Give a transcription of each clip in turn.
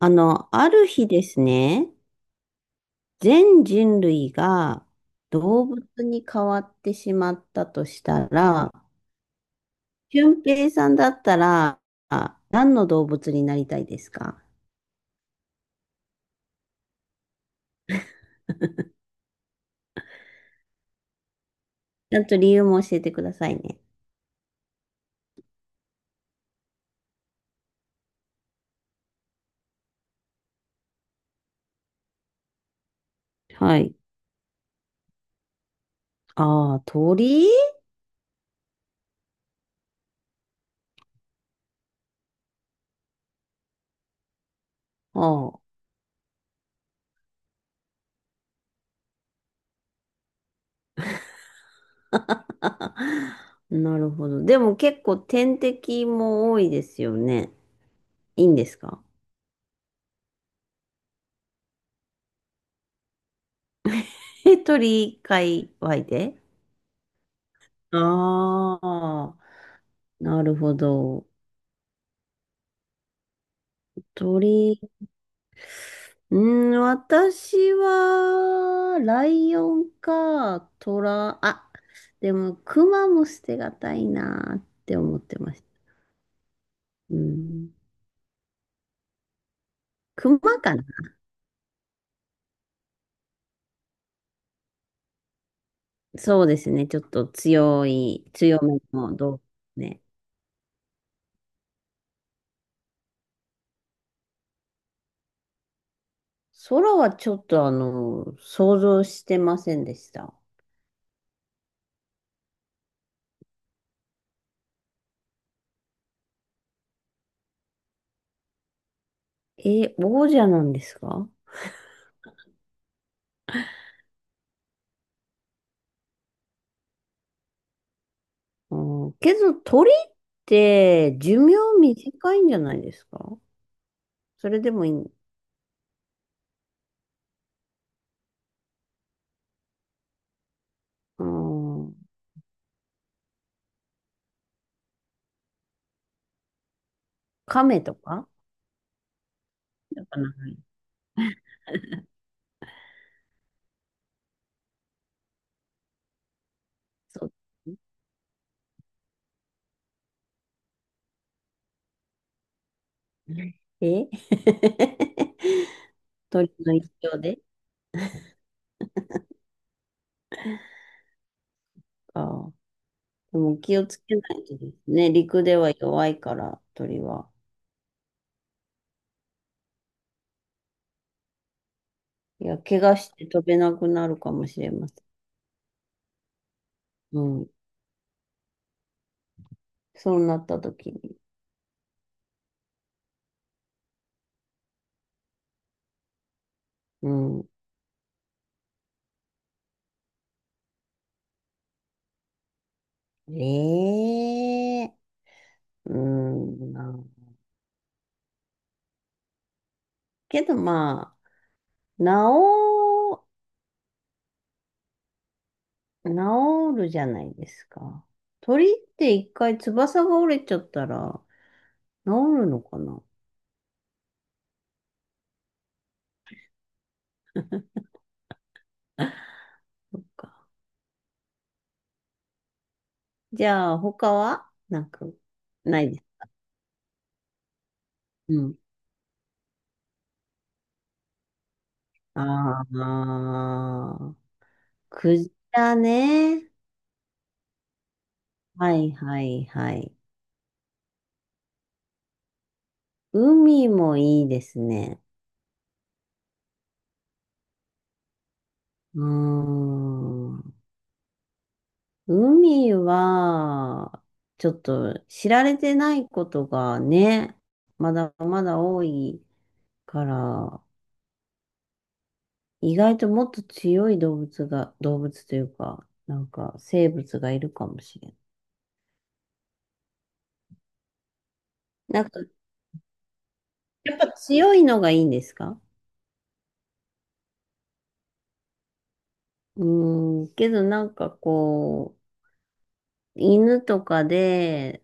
ある日ですね、全人類が動物に変わってしまったとしたら、俊平さんだったら、何の動物になりたいですか？ちゃんと理由も教えてくださいね。はい。ああ、鳥。ああ。なるほど。でも結構天敵も多いですよね。いいんですか？え、鳥界隈で？ああ、なるほど。鳥。うん、私は、ライオンか、トラ、でも、クマも捨てがたいなって思ってました。うん。クマかな。そうですね。ちょっと強い、強めの動物。ね。空はちょっと、想像してませんでした。え、王者なんですか？うん、けど、鳥って寿命短いんじゃないですか？それでもいい。うん、亀とか。あ、そう。え？ 鳥の一生で？あ、でも気をつけないとですね。陸では弱いから、鳥は。いや、怪我して飛べなくなるかもしれません。うん。そうなった時に。うん。ええ。うん。な、けどまあ、治、治るじゃないですか。鳥って一回翼が折れちゃったら治るのかな？じゃあ、他はなんか、ないです。うん。ああ、クジラね。はいはいはい。海もいいですね。うーん。海は、ちょっと知られてないことがね、まだまだ多いから、意外ともっと強い動物が、動物というか、なんか生物がいるかもしれない。なんか強いのがいいんですか？うん、けどなんかこう、犬とかで、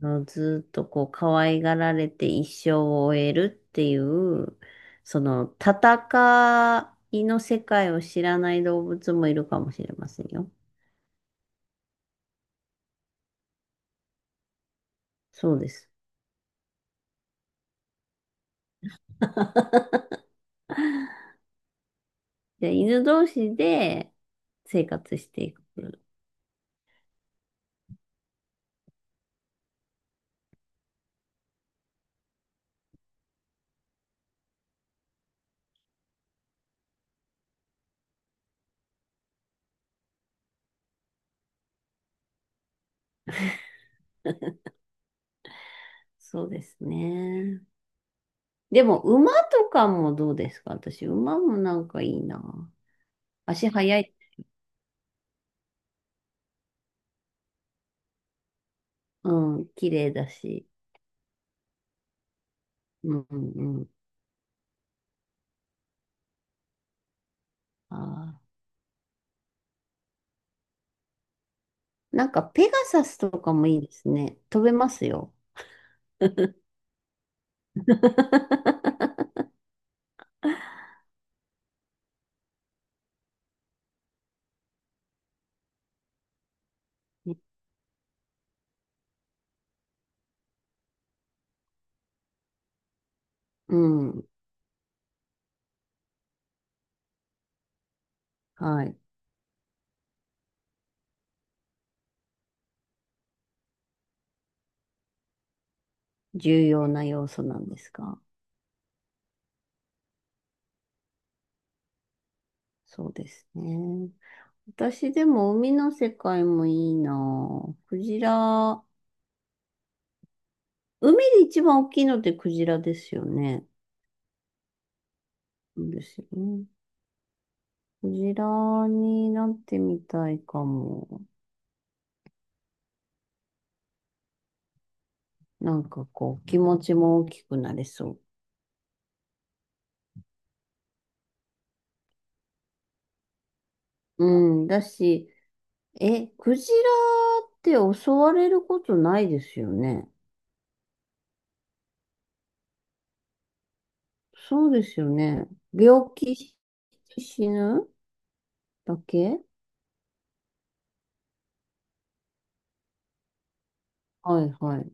ずっとこう、可愛がられて一生を終えるっていう、その、戦いの世界を知らない動物もいるかもしれませんよ。そうです。じゃあ犬同士で生活していく。そうですね。でも、馬とかもどうですか？私、馬もなんかいいな。足速い。うん、綺麗だし。うん、うん、うん。あー、なんか、ペガサスとかもいいですね。飛べますよ。うん、はい。重要な要素なんですか？そうですね。私でも海の世界もいいなぁ。クジラ。海で一番大きいのってクジラですよね。そうですよね。クジラになってみたいかも。なんかこう、気持ちも大きくなれそう。うん、だし、え、クジラって襲われることないですよね。そうですよね。病気し死ぬだけ。はいはい。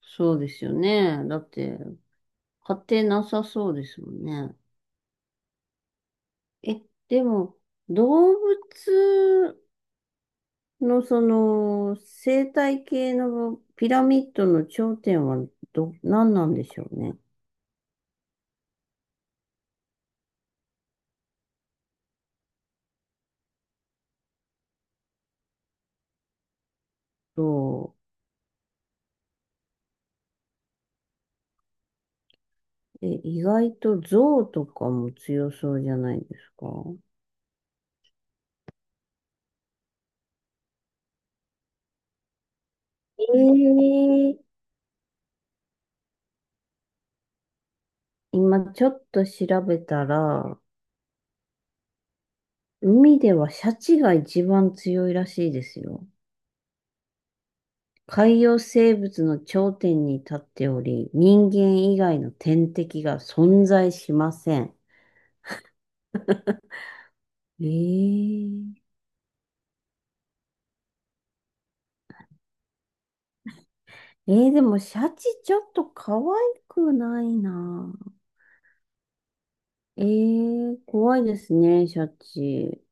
そうですよね。だって、勝てなさそうですもんね。え、でも、動物の、その、生態系のピラミッドの頂点は何なんでしょうね。そう。え、意外と象とかも強そうじゃないですか。ええ、今ちょっと調べたら、海ではシャチが一番強いらしいですよ。海洋生物の頂点に立っており、人間以外の天敵が存在しません。ええ。えー、でもシャチちょっと可愛くないな。えー、怖いですね、シャチ。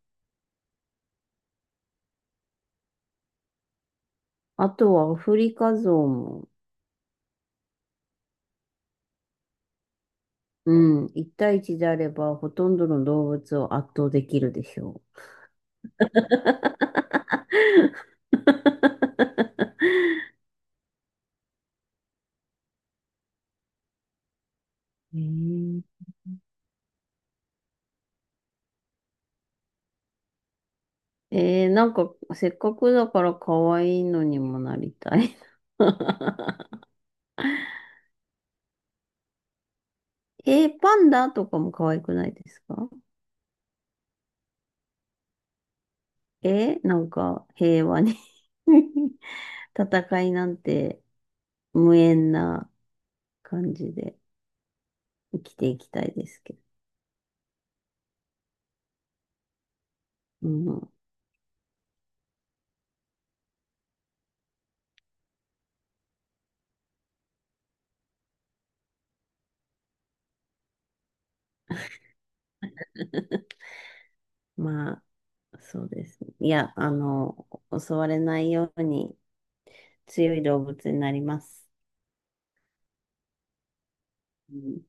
あとはアフリカゾウも。うん、一対一であればほとんどの動物を圧倒できるでしょ？えー、う。えー、なんかせっかくだから可愛いのにもなりたいな。えー、パンダとかも可愛くないですか？えー、なんか平和に 戦いなんて無縁な感じで生きていきたいですけど。うん、まあ、そうですね。いや、襲われないように強い動物になります。うん